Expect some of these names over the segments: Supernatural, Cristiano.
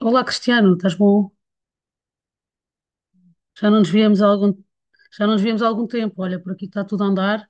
Olá, Cristiano, estás bom? Já não nos víamos há algum, Já não nos víamos há algum tempo. Olha, por aqui está tudo a andar,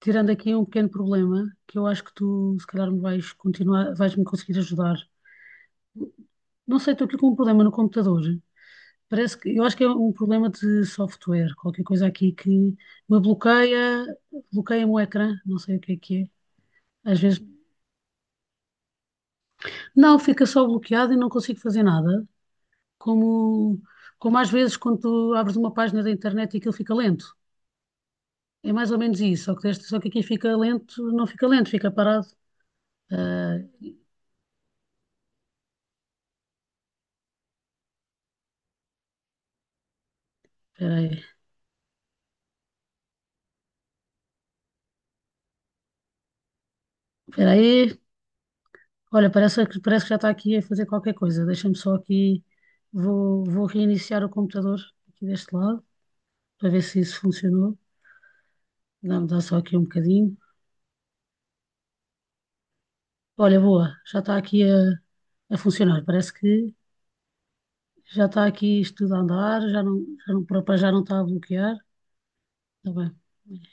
tirando aqui um pequeno problema que eu acho que tu, se calhar, vais me conseguir ajudar. Não sei, estou aqui com um problema no computador. Eu acho que é um problema de software, qualquer coisa aqui que me bloqueia, bloqueia-me o ecrã, não sei o que é que é. Às vezes, não, Fica só bloqueado e não consigo fazer nada, como, como às vezes quando tu abres uma página da internet e aquilo fica lento. É mais ou menos isso, só que aqui não fica lento, fica parado. Ah, Espera aí, espera aí. Olha, parece que já está aqui a fazer qualquer coisa. Deixa-me só aqui, vou reiniciar o computador aqui deste lado, para ver se isso funcionou. Dá-me dá só aqui um bocadinho. Olha, boa, já está aqui a funcionar. Parece que já está aqui isto tudo a andar, já não, para já não está a bloquear. Está bem.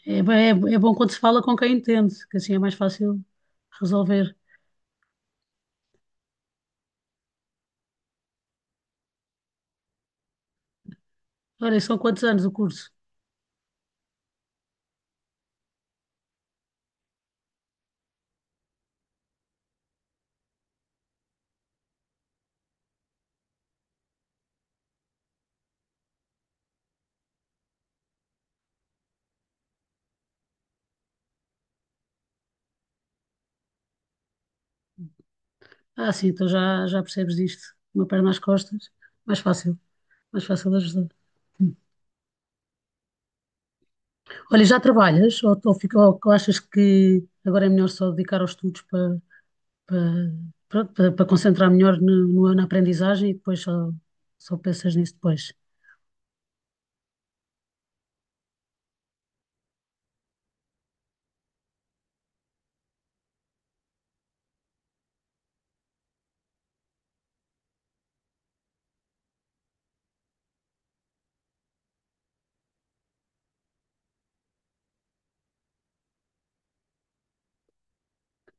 É, bem- é bom quando se fala com quem entende, que assim é mais fácil resolver. Olha, são quantos anos o curso? Ah, sim, então já percebes disto. Uma perna às costas. Mais fácil, mais fácil de ajudar. Hum. Olha, já trabalhas ou achas que agora é melhor só dedicar aos estudos para, para concentrar melhor na aprendizagem e depois só pensas nisso depois?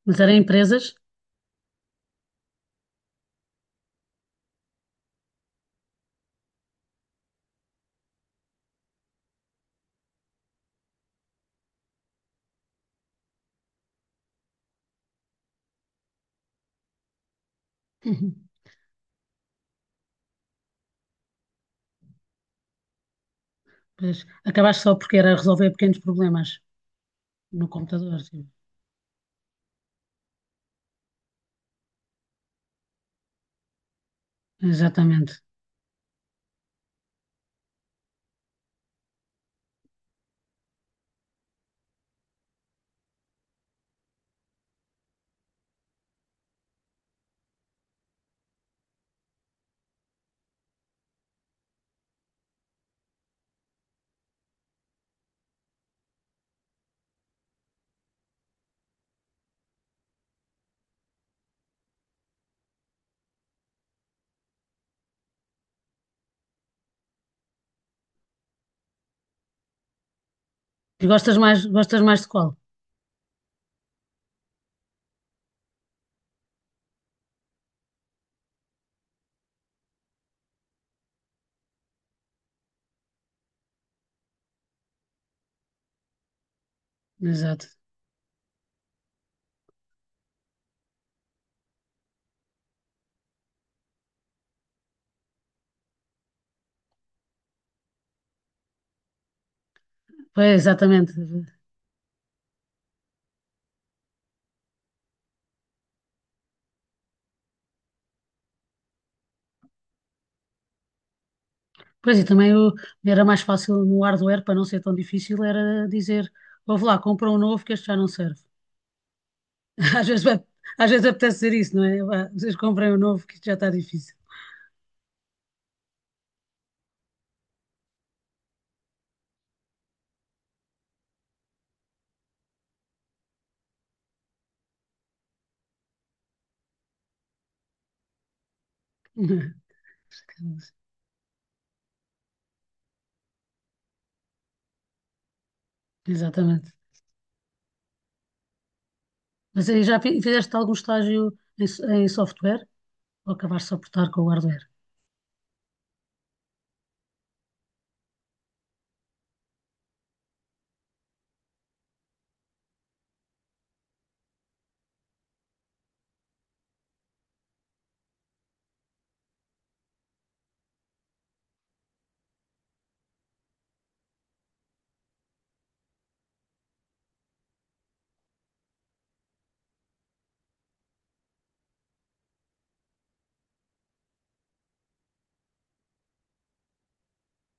Mas era em empresas? Uhum. Pois, acabaste só porque era resolver pequenos problemas no computador. Sim. Exatamente. Gostas mais de qual? Exato. Pois, exatamente. Pois e também o- Era mais fácil no hardware, para não ser tão difícil, era dizer, ouve lá, compra um novo que este já não serve. Às vezes, vai- às vezes apetece dizer isso, não é? Vá, vocês comprem um novo que isto já está difícil. Exatamente. Fizeste algum em software ou acabaste só por estar com o hardware?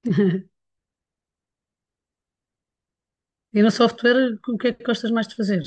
E no software, o que é que gostas mais de fazer?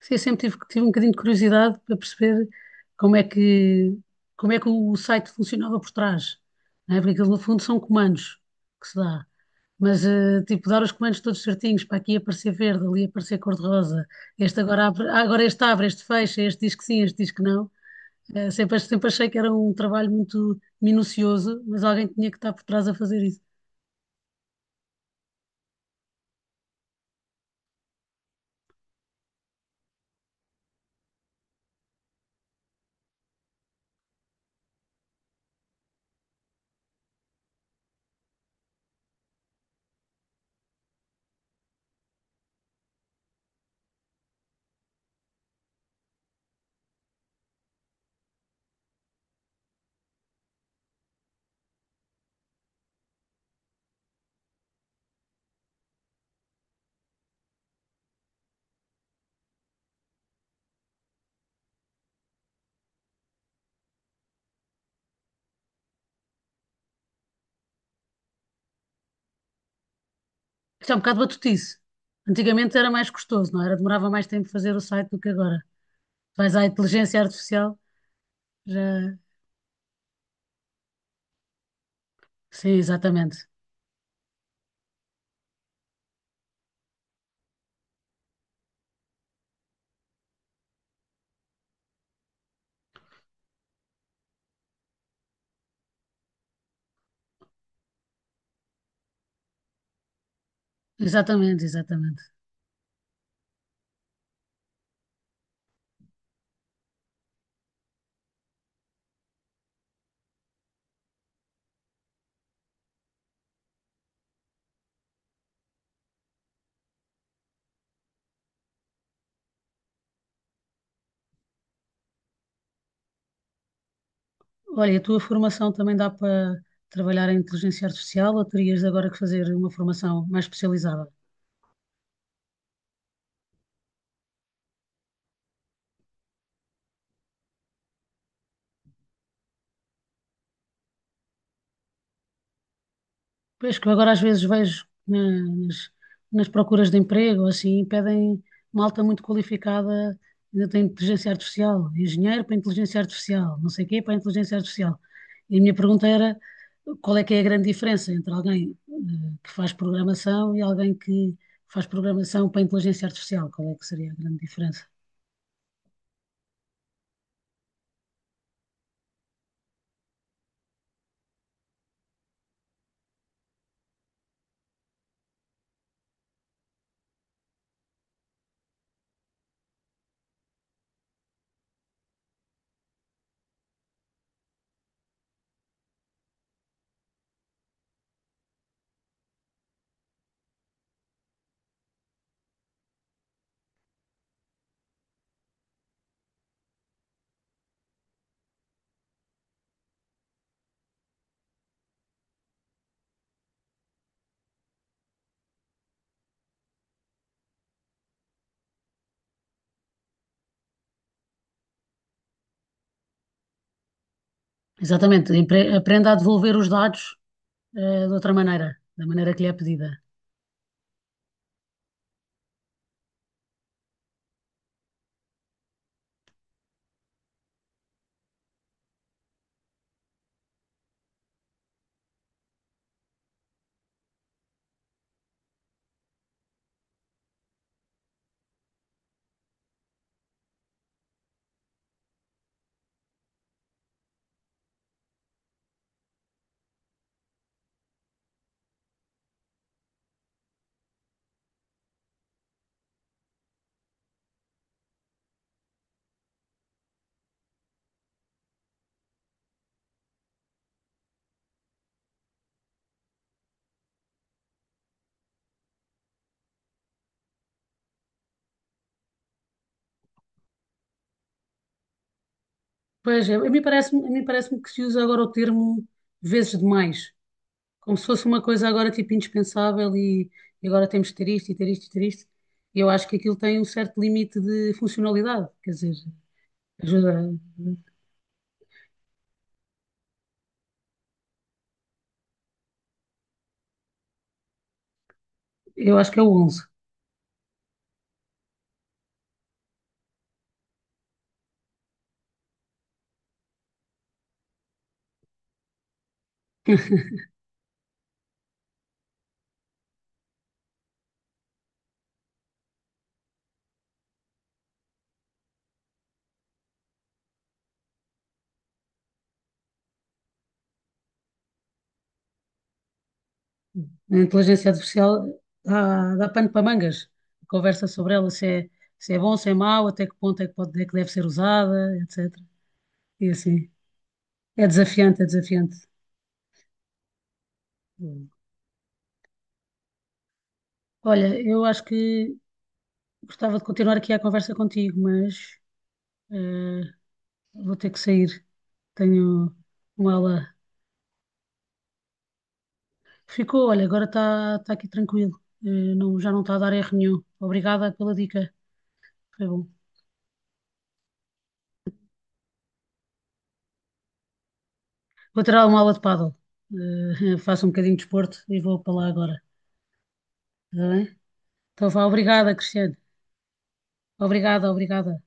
Sim, eu tive um bocadinho de curiosidade para perceber como é que, como é que o site funcionava por trás, não é? Porque aquilo no fundo são comandos que se dá. Mas, tipo, dar os comandos todos certinhos, para aqui aparecer verde, ali aparecer cor-de-rosa, este agora abre, ah, agora este abre, este fecha, este diz que sim, este diz que não. Sempre achei que era um trabalho muito minucioso, mas alguém tinha que estar por trás a fazer isso. Isto é um bocado batutice. Antigamente era mais custoso, não é? Era? Demorava mais tempo fazer o site do que agora. Vais à inteligência artificial. Já, sim, exatamente. Exatamente, exatamente. Olha, a tua formação também dá para trabalhar em inteligência artificial ou terias agora que fazer uma formação mais especializada? Pois que eu agora às vezes vejo nas procuras de emprego, assim, pedem malta muito qualificada, ainda tem inteligência artificial, engenheiro para inteligência artificial, não sei o quê para inteligência artificial. E a minha pergunta era qual é que é a grande diferença entre alguém que faz programação e alguém que faz programação para inteligência artificial? Qual é que seria a grande diferença? Aprenda a devolver os dados de outra maneira, da maneira que lhe é pedida. Pois é, a mim parece-me que se usa agora o termo vezes demais, como se fosse uma coisa agora tipo indispensável, e agora temos de ter isto e ter isto e ter isto. E eu acho que aquilo tem um certo limite de funcionalidade, quer dizer, ajuda. Eu acho que é o onze. A inteligência artificial dá, dá pano para mangas. A conversa sobre ela, se é, se é bom, se é mau, até que ponto é que, pode, é que deve ser usada, etc. E assim, é desafiante, é desafiante. Olha, eu acho que gostava de continuar aqui a conversa contigo, mas eh, vou ter que sair. Tenho uma aula. Ficou, olha, agora está aqui tranquilo. Não, já não está a dar erro nenhum. Obrigada pela dica. Foi bom. Vou ter uma aula de paddle. Faço um bocadinho de desporto e vou para lá agora. Está bem? Então vá, obrigada, Cristiano. Obrigada.